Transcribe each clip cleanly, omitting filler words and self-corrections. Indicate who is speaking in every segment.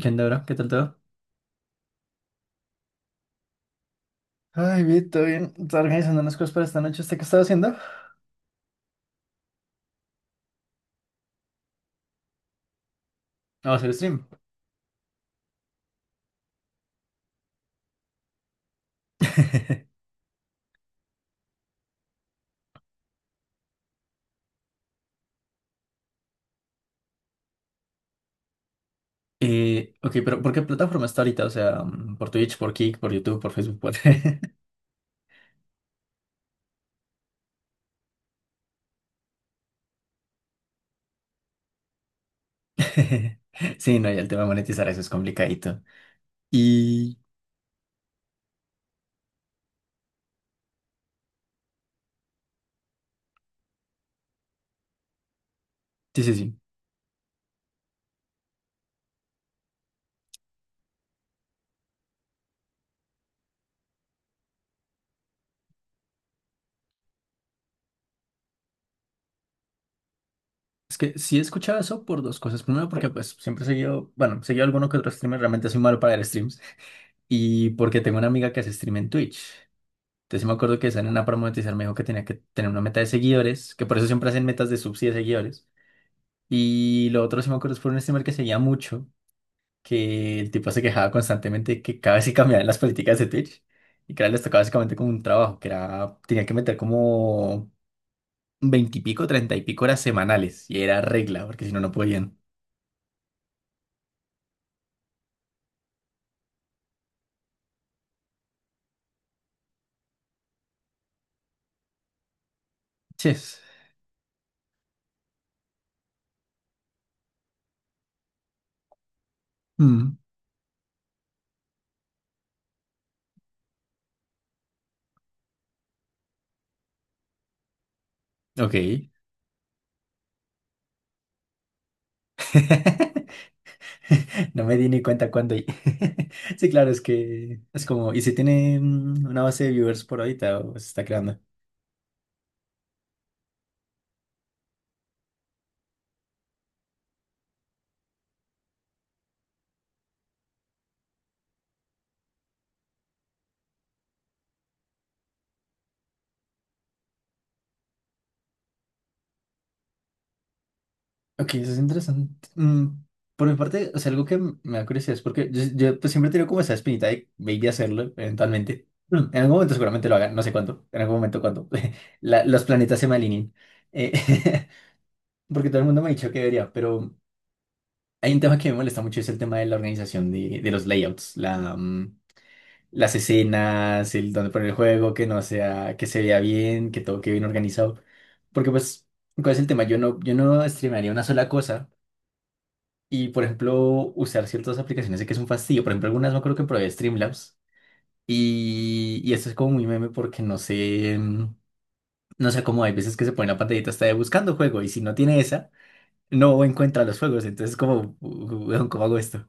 Speaker 1: ¿Qué onda, bro? ¿Qué tal todo? Ay, bien, todo bien. Estaba organizando unas cosas para esta noche. ¿Usted qué estaba haciendo? Vamos a hacer stream. Ok, pero ¿por qué plataforma está ahorita? O sea, por Twitch, por Kick, por YouTube, por Facebook, por... Sí, no, y el tema de monetizar eso es complicadito. Y sí, sí, sí. Es que sí he escuchado eso por dos cosas. Primero, porque pues siempre he seguido, bueno, he seguido alguno que otro streamer, realmente soy malo para ver streams. Y porque tengo una amiga que hace stream en Twitch. Entonces sí me acuerdo que esa nena para monetizar me dijo que tenía que tener una meta de seguidores, que por eso siempre hacen metas de subs y de seguidores. Y lo otro sí me acuerdo es por un streamer que seguía mucho, que el tipo se quejaba constantemente de que cada vez se cambiaban las políticas de Twitch y que a él les tocaba básicamente como un trabajo, que era, tenía que meter como 20 y pico, 30 y pico horas semanales y era regla, porque si no, no podían. Ches. Mm, ok. No me di ni cuenta cuándo. Sí, claro, es que es como, ¿y si tiene una base de viewers por ahorita o se está creando? Ok, eso es interesante. Por mi parte, o sea, algo que me da curiosidad es porque yo, pues, siempre he tenido como esa espinita de maybe hacerlo eventualmente. En algún momento seguramente lo hagan, no sé cuándo, en algún momento cuando los planetas se me alineen. Eh, porque todo el mundo me ha dicho que debería, pero hay un tema que me molesta mucho, es el tema de la organización de los layouts, la, las escenas, el dónde poner el juego, que no sea, que se vea bien, que todo quede bien organizado. Porque pues, ¿cuál es el tema? Yo no streamearía una sola cosa y, por ejemplo, usar ciertas aplicaciones sé que es un fastidio. Por ejemplo, algunas no creo que probé Streamlabs y esto es como muy meme porque no sé, no sé cómo hay veces que se pone la pantallita hasta de buscando juego y si no tiene esa, no encuentra los juegos. Entonces, como, "Weón, ¿cómo hago esto?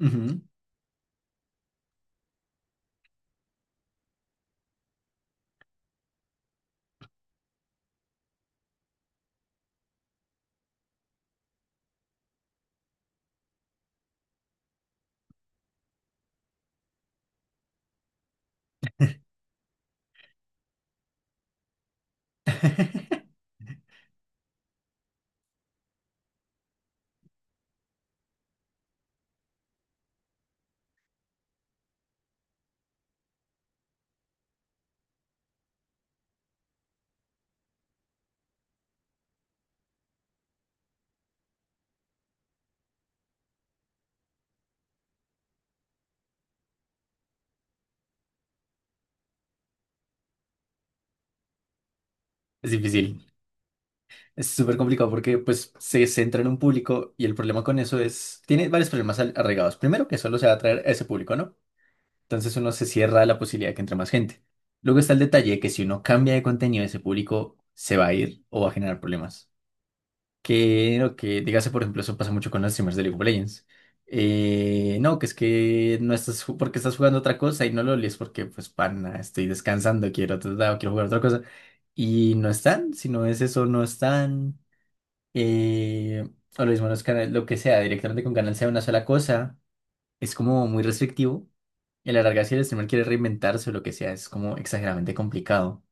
Speaker 1: Ujú. Es difícil. Es súper complicado porque pues se centra en un público y el problema con eso es, tiene varios problemas arraigados. Primero, que solo se va a atraer a ese público, ¿no? Entonces uno se cierra a la posibilidad de que entre más gente. Luego está el detalle de que si uno cambia de contenido, ese público se va a ir o va a generar problemas. Que, lo que dígase, por ejemplo, eso pasa mucho con los streamers de League of Legends. No, que es que no estás, porque estás jugando otra cosa y no lo lees porque, pues, pana, estoy descansando, quiero, otro lado, quiero jugar otra cosa. Y no están, si no es eso, no están eh, o lo mismo los canales, lo que sea, directamente con Canal sea una sola cosa, es como muy restrictivo. Y a la larga, si el streamer quiere reinventarse o lo que sea, es como exageradamente complicado.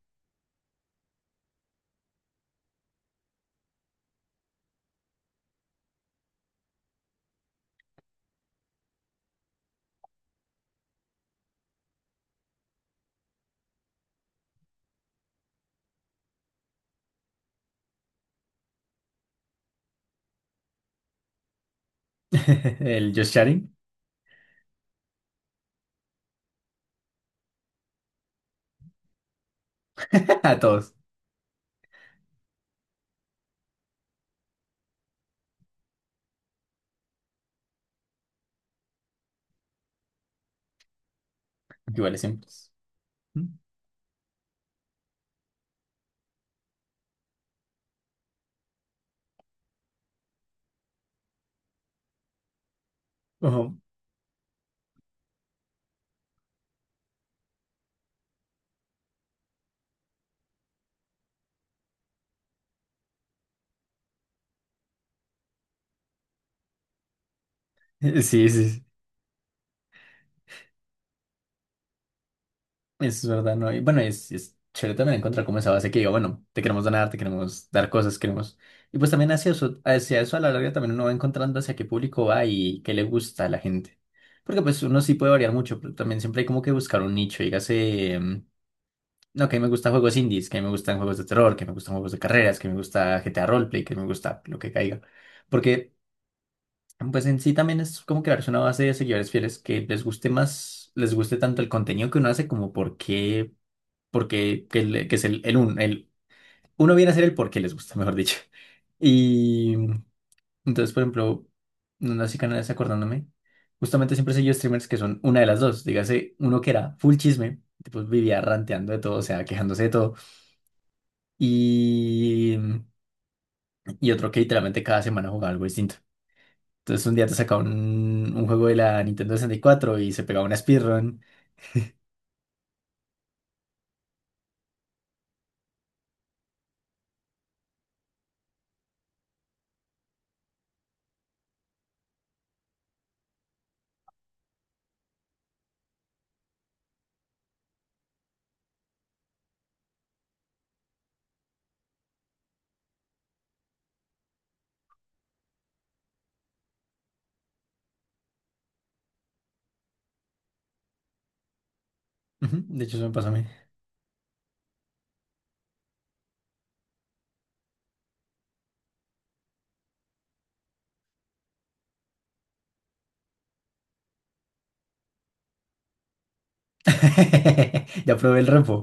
Speaker 1: El just chatting a todos, iguales siempre. Ujú. Sí, sí, sí. Es verdad, ¿no? Y bueno, es chévere también encontrar como esa base que diga, bueno, te queremos donar, te queremos dar cosas, queremos... Y pues también hacia eso a la larga también uno va encontrando hacia qué público va y qué le gusta a la gente. Porque pues uno sí puede variar mucho, pero también siempre hay como que buscar un nicho. Dígase, no, que a mí me gustan juegos indies, que a mí me gustan juegos de terror, que me gustan juegos de carreras, que me gusta GTA Roleplay, que me gusta lo que caiga. Porque pues en sí también es como crearse una base de seguidores fieles que les guste más, les guste tanto el contenido que uno hace como por qué porque que, que es el uno viene a ser el por qué les gusta, mejor dicho. Y entonces, por ejemplo, no sé canales acordándome, justamente siempre he seguido streamers que son una de las dos. Dígase, uno que era full chisme, tipo vivía ranteando de todo, o sea, quejándose de todo, y, y otro que literalmente cada semana jugaba algo distinto. Entonces un día te sacaba un juego de la Nintendo 64 y cuatro y se pegaba una speedrun. Ujú. De hecho, eso me pasó a mí. Ya probé el repo.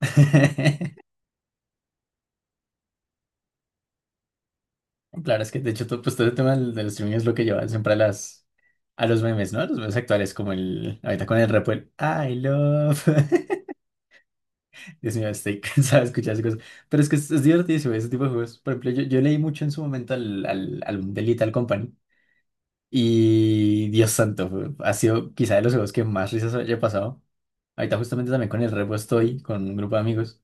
Speaker 1: Claro, es que de hecho todo, pues, todo el tema del, del streaming es lo que lleva siempre a las a los memes, ¿no? A los memes actuales, como el ahorita con el rap, el I love. Dios mío, estoy cansado de escuchar esas cosas. Pero es que es divertidísimo ese tipo de juegos. Por ejemplo, yo leí mucho en su momento al, al álbum de Lethal Company. Y Dios santo, ha sido quizá de los juegos que más risas haya pasado. Ahorita justamente también con el repo estoy, con un grupo de amigos.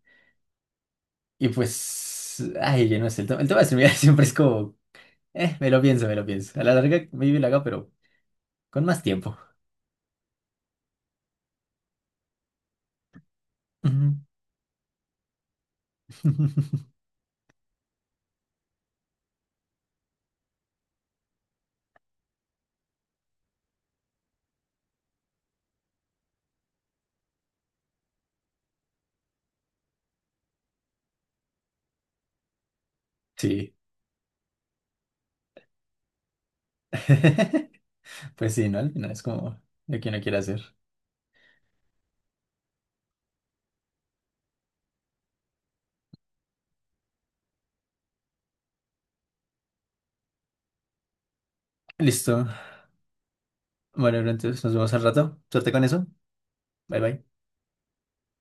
Speaker 1: Y pues, ay, yo no sé, el, el tema de streaming siempre es como, me lo pienso, me lo pienso. A la larga, maybe lo haga, pero. Con más tiempo. Ujú. Sí. Pues sí, ¿no? Al final es como lo que uno quiere hacer. Listo. Bueno, entonces nos vemos al rato. Suerte con eso. Bye bye.